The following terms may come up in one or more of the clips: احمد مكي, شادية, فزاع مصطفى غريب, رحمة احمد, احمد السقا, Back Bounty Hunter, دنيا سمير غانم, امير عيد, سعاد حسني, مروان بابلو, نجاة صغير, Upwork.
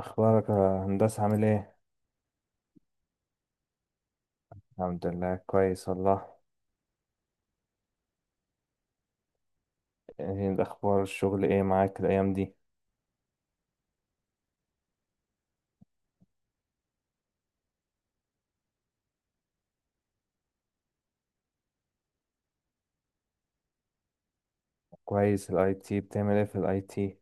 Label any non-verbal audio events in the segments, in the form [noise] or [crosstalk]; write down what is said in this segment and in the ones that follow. اخبارك يا هندسة، عامل ايه؟ الحمد لله كويس والله. ايه اخبار الشغل، ايه معاك الايام دي؟ كويس، الاي تي بتعمل ايه في الاي تي؟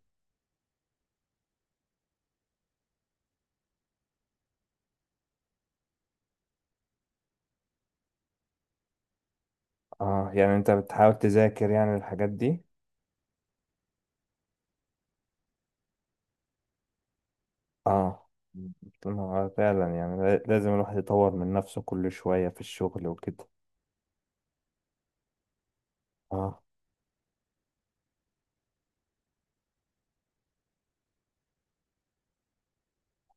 اه يعني انت بتحاول تذاكر يعني الحاجات دي. اه ما هو فعلا يعني لازم الواحد يطور من نفسه كل شوية في الشغل وكده. اه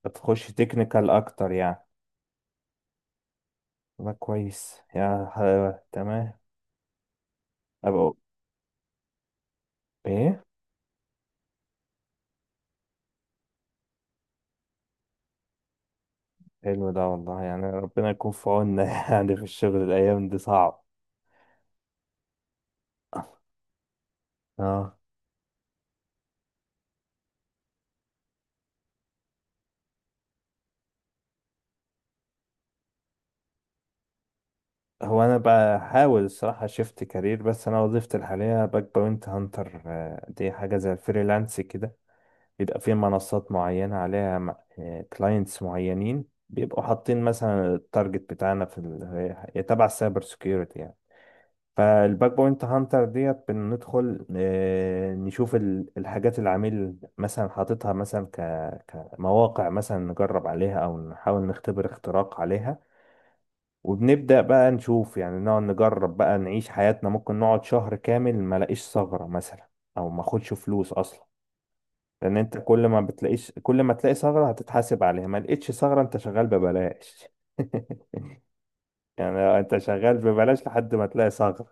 بتخش تكنيكال اكتر يعني. ده كويس يا تمام. ابقى ايه. حلو ده والله، يعني ربنا يكون في عوننا [laughs] يعني في الشغل الايام دي صعب. اه. هو انا بحاول الصراحه شفت كارير، بس انا وظيفتي الحاليه باك بوينت هانتر، دي حاجه زي الفريلانس كده. بيبقى في منصات معينه عليها، كلاينتس معينين بيبقوا حاطين مثلا التارجت بتاعنا في هي تبع السايبر سكيورتي يعني. فالباك بوينت هانتر ديت بندخل، نشوف الحاجات اللي العميل مثلا حاططها مثلا كمواقع مثلا نجرب عليها او نحاول نختبر اختراق عليها. وبنبدأ بقى نشوف يعني نقعد نجرب بقى نعيش حياتنا، ممكن نقعد شهر كامل ما لاقيش ثغرة مثلا، او ما اخدش فلوس اصلا. لان انت كل ما تلاقي ثغرة هتتحاسب عليها، ما لقيتش ثغرة انت شغال ببلاش. [laughs] يعني انت شغال ببلاش لحد ما تلاقي ثغرة.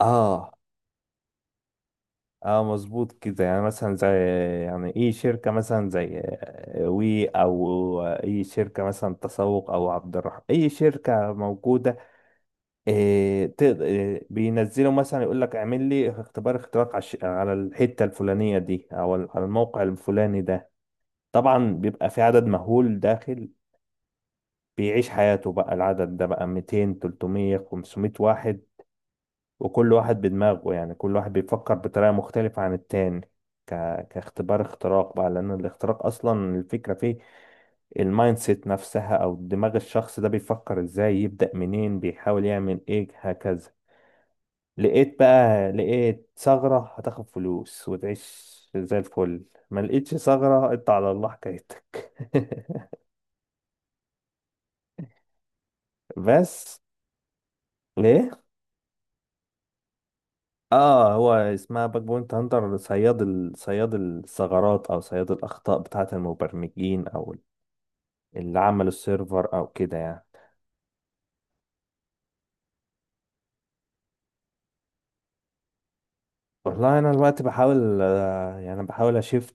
اه. اه مظبوط كده، يعني مثلا زي، يعني ايه شركة مثلا زي وي او اي شركة مثلا تسوق او عبد الرحمن اي شركة موجودة. إيه إيه بينزلوا مثلا يقول لك اعمل لي اختبار اختراق على على الحتة الفلانية دي او على الموقع الفلاني ده. طبعا بيبقى في عدد مهول داخل، بيعيش حياته بقى العدد ده بقى 200 300 500 واحد. وكل واحد بدماغه، يعني كل واحد بيفكر بطريقة مختلفة عن التاني، ك... كاختبار اختراق بقى. لأن الاختراق أصلا الفكرة فيه المايند سيت نفسها، أو دماغ الشخص ده بيفكر ازاي، يبدأ منين، بيحاول يعمل ايه هكذا. لقيت بقى، لقيت ثغرة هتاخد فلوس وتعيش زي الفل. ما لقيتش ثغرة انت على الله حكايتك. [laughs] بس. ليه؟ اه هو اسمها باك بوينت هانتر، صياد صياد الثغرات او صياد الاخطاء بتاعة المبرمجين او اللي عملوا السيرفر او كده يعني. والله انا دلوقتي بحاول، يعني بحاول اشفت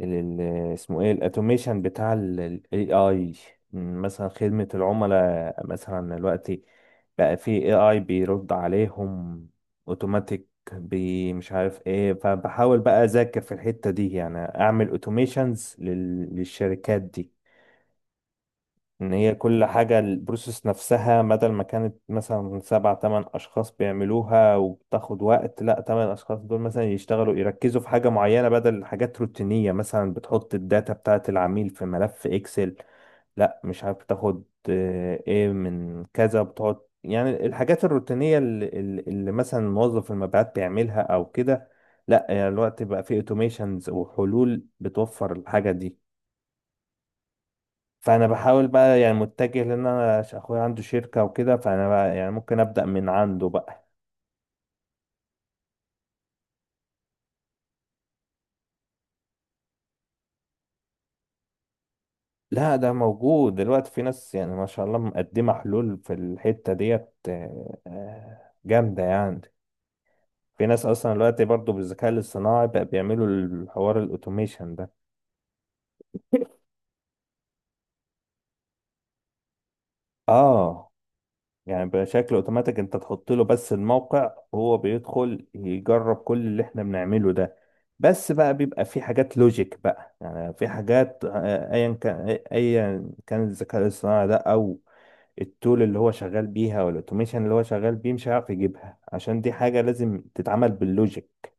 ال- اسمه ايه الاتوميشن بتاع الاي اي. مثلا خدمة العملاء مثلا دلوقتي بقى في اي اي بيرد عليهم اوتوماتيك بي مش عارف ايه، فبحاول بقى اذاكر في الحتة دي، يعني اعمل اوتوميشنز للشركات دي. ان هي كل حاجة البروسيس نفسها، بدل ما كانت مثلا سبع تمن اشخاص بيعملوها وبتاخد وقت، لا تمن اشخاص دول مثلا يشتغلوا يركزوا في حاجة معينة بدل حاجات روتينية، مثلا بتحط الداتا بتاعة العميل في ملف اكسل. لا مش عارف تاخد ايه من كذا، بتقعد يعني الحاجات الروتينية اللي مثلا موظف المبيعات بيعملها او كده. لا يعني الوقت بقى فيه اوتوميشنز وحلول بتوفر الحاجة دي. فانا بحاول بقى يعني متجه، لان انا اخويا عنده شركه وكده، فانا بقى يعني ممكن ابدا من عنده بقى. لا ده موجود دلوقتي، في ناس يعني ما شاء الله مقدمه حلول في الحته ديت، جامده يعني. في ناس اصلا دلوقتي برضو بالذكاء الاصطناعي بقى بيعملوا الحوار الاوتوميشن ده. اه. يعني بشكل اوتوماتيك، انت تحط له بس الموقع هو بيدخل يجرب كل اللي احنا بنعمله ده. بس بقى بيبقى في حاجات لوجيك بقى، يعني في حاجات ايا كان ايا كان الذكاء الاصطناعي ده او التول اللي هو شغال بيها والاوتوميشن اللي هو شغال بيه مش هيعرف يجيبها، عشان دي حاجة لازم تتعمل باللوجيك،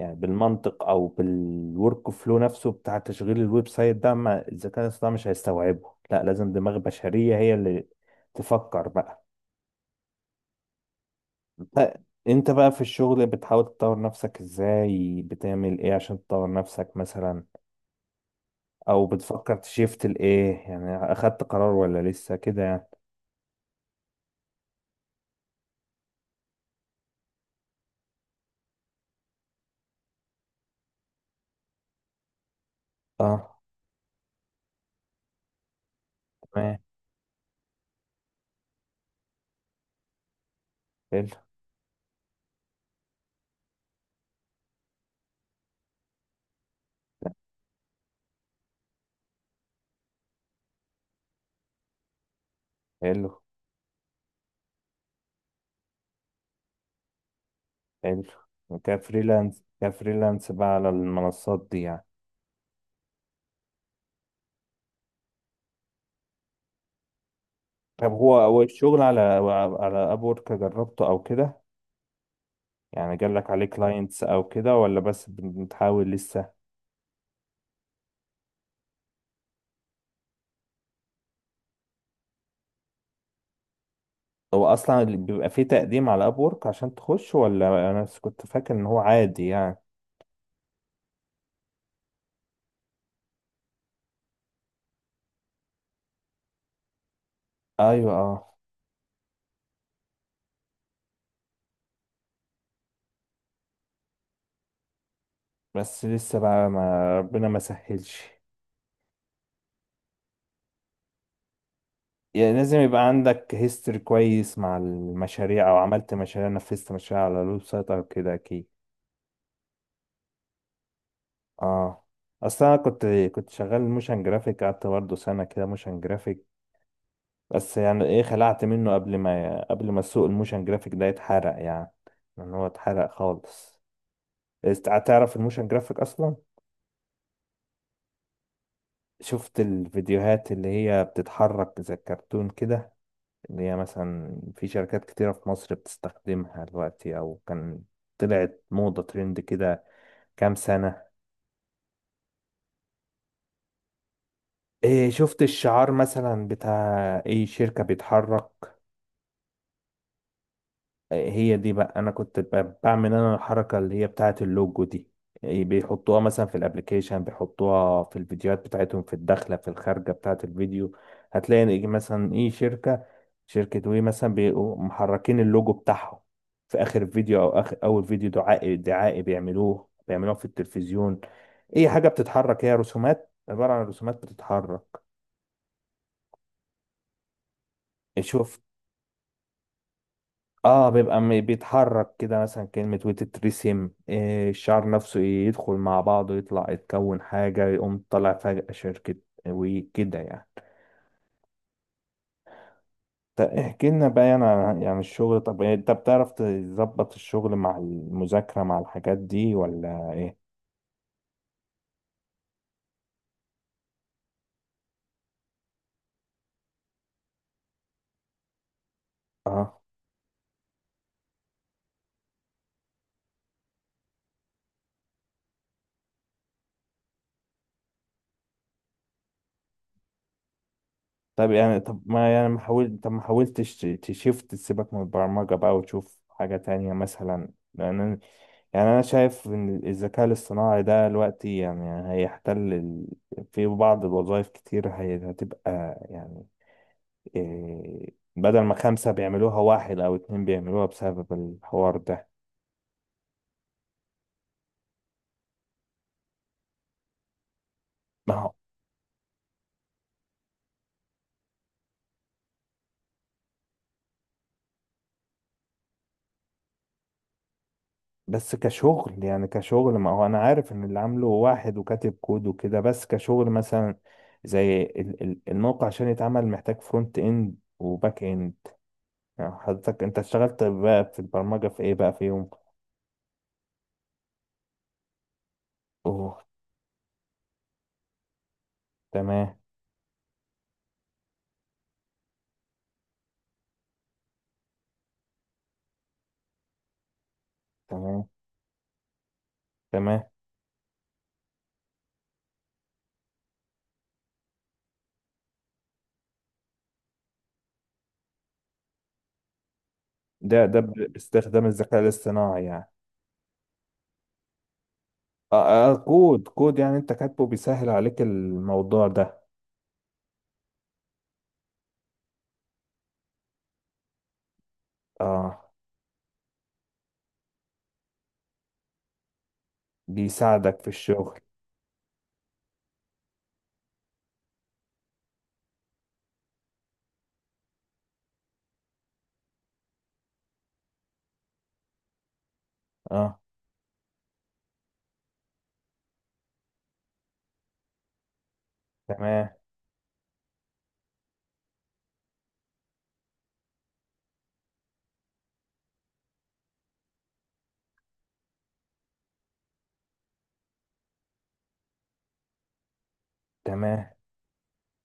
يعني بالمنطق، او بالورك فلو نفسه بتاع تشغيل الويب سايت ده، ما الذكاء الاصطناعي مش هيستوعبه. لا لازم دماغ بشرية هي اللي تفكر بقى. انت بقى في الشغل بتحاول تطور نفسك ازاي، بتعمل ايه عشان تطور نفسك مثلا، او بتفكر تشيفت لايه، يعني اخدت قرار ولا لسه كده يعني. اه. تمام. حلو. حلو. حلو. كفريلانس، كفريلانس بقى على المنصات دي يعني. طب هو الشغل على، على ابورك جربته او كده، يعني جالك عليه كلاينتس او كده ولا بس بتحاول لسه؟ هو اصلا بيبقى فيه تقديم على ابورك عشان تخش، ولا انا بس كنت فاكر ان هو عادي يعني. ايوه اه. بس لسه بقى، ما ربنا ما سهلش. يعني لازم يبقى عندك هيستوري كويس مع المشاريع، او عملت مشاريع نفذت مشاريع على الويب سايت او كده اكيد. اه. اصل انا كنت، كنت شغال موشن جرافيك، قعدت برضه سنه كده موشن جرافيك. بس يعني ايه، خلعت منه قبل ما السوق الموشن جرافيك ده يتحرق يعني. لان هو اتحرق خالص. تعرف الموشن جرافيك اصلا؟ شفت الفيديوهات اللي هي بتتحرك زي الكرتون كده، اللي هي مثلا في شركات كتيرة في مصر بتستخدمها دلوقتي أو كان، طلعت موضة ترند كده كام سنة. إيه شفت الشعار مثلا بتاع أي شركة بيتحرك؟ هي دي بقى انا كنت بعمل انا الحركه اللي هي بتاعه اللوجو دي. بيحطوها مثلا في الابليكيشن، بيحطوها في الفيديوهات بتاعتهم، في الداخله في الخارجه بتاعه الفيديو. هتلاقي إن إيه مثلا ايه شركه، شركه وي مثلا بيبقوا محركين اللوجو بتاعهم في اخر فيديو، او اخر اول فيديو دعائي دعائي بيعملوه بيعملوه في التلفزيون. اي حاجه بتتحرك، هي رسومات، عباره عن رسومات بتتحرك. شوف، اه بيبقى بيتحرك كده مثلا، كلمة وتترسم، الشعر نفسه يدخل مع بعضه يطلع يتكون حاجة يقوم طالع فجأة شركة وكده يعني. طب احكي لنا بقى يعني عن يعني الشغل، طب انت بتعرف تظبط الشغل مع المذاكرة مع الحاجات دي ولا ايه؟ اه. طب يعني طب ما حاولتش تشيفت تسيبك من البرمجة بقى وتشوف حاجة تانية مثلا، لأن يعني أنا شايف إن الذكاء الاصطناعي ده دلوقتي يعني هيحتل في بعض الوظائف، كتير هتبقى يعني بدل ما خمسة بيعملوها واحد أو اتنين بيعملوها بسبب الحوار ده. ما هو. بس كشغل يعني، كشغل ما هو أنا عارف إن اللي عامله واحد وكاتب كود وكده، بس كشغل مثلا زي الموقع عشان يتعمل محتاج فرونت إند وباك إند. يعني حضرتك أنت اشتغلت بقى في البرمجة في إيه بقى فيهم؟ أوه. تمام. تمام. تمام. ده باستخدام الذكاء الاصطناعي يعني. كود، كود يعني انت كاتبه بيسهل عليك الموضوع ده. اه بيساعدك في الشغل. اه. تمام. تمام.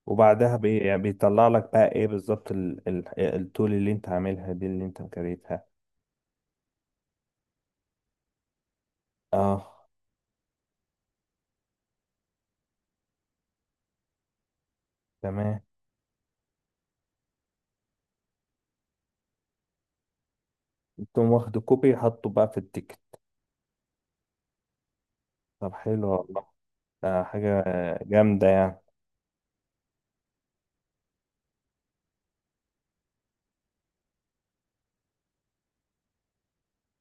وبعدها بي يعني بيطلع لك بقى ايه بالظبط التول اللي انت عاملها دي اللي انت مكريتها. اه. تمام. تقوم واخد كوبي حاطه بقى في التيكت. طب حلو والله. آه حاجة جامدة يعني.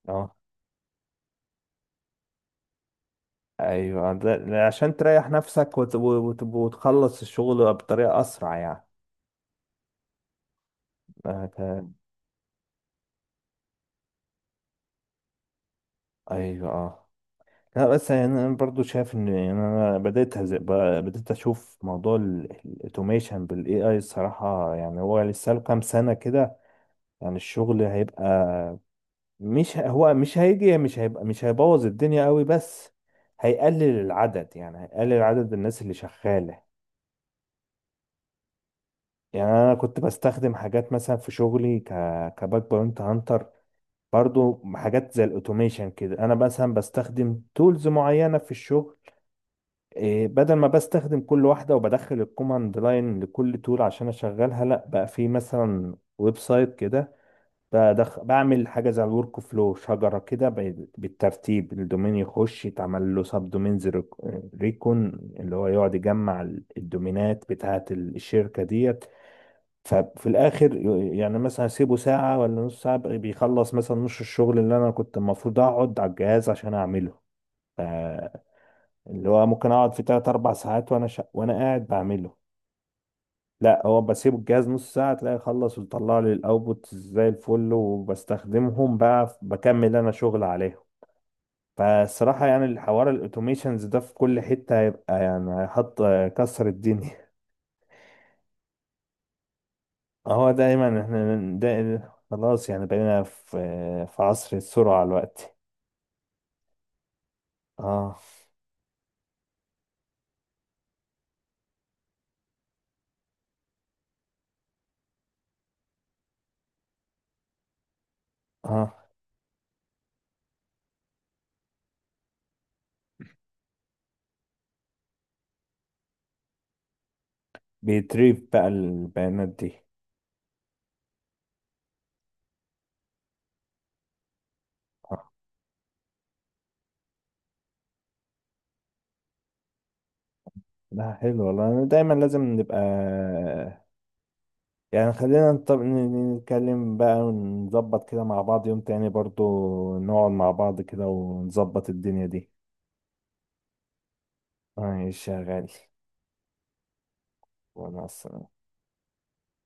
اه ايوه عشان تريح نفسك وتخلص الشغل بطريقة اسرع يعني. آه تا- ايوه اه. لا بس يعني انا برضو شايف ان، يعني انا بدأت اشوف موضوع الاوتوميشن بالاي اي الصراحة، يعني هو لسه له كام سنة كده. يعني الشغل هيبقى مش هو مش هيجي مش هيبقى مش هيبوظ الدنيا قوي، بس هيقلل العدد، يعني هيقلل عدد الناس اللي شغالة. يعني انا كنت بستخدم حاجات مثلا في شغلي كباك بوينت هانتر، برضو حاجات زي الاوتوميشن كده. انا مثلا بستخدم تولز معينة في الشغل، بدل ما بستخدم كل واحدة وبدخل الكوماند لاين لكل تول عشان أشغلها، لأ بقى في مثلا ويب سايت كده بعمل حاجة زي الورك فلو شجرة كده بالترتيب، الدومين يخش يتعمل له سب دومينز، ريكون، اللي هو يقعد يجمع الدومينات بتاعة الشركة ديت. ففي الآخر يعني مثلا أسيبه ساعة ولا نص ساعة بيخلص مثلا نص الشغل اللي أنا كنت المفروض أقعد على الجهاز عشان أعمله، اللي هو ممكن اقعد في تلات اربع ساعات وانا قاعد بعمله. لا هو بسيب الجهاز نص ساعة تلاقي خلص ويطلع لي الاوتبوت زي الفل، وبستخدمهم بقى بكمل انا شغل عليهم. فالصراحة يعني الحوار الاوتوميشنز ده في كل حتة هيبقى يعني هيحط كسر الدنيا. [laughs] هو دايما احنا ده. خلاص يعني بقينا في، في عصر السرعة الوقت. اه. اه بيتريف بقى البيانات دي. آه. لا حلو والله، أنا دايما لازم نبقى يعني، خلينا نطب... ن- ن- نتكلم بقى ونظبط كده مع بعض يوم تاني برضو، نقعد مع بعض كده ونظبط الدنيا دي. ماشي يا غالي. وانا أصلاً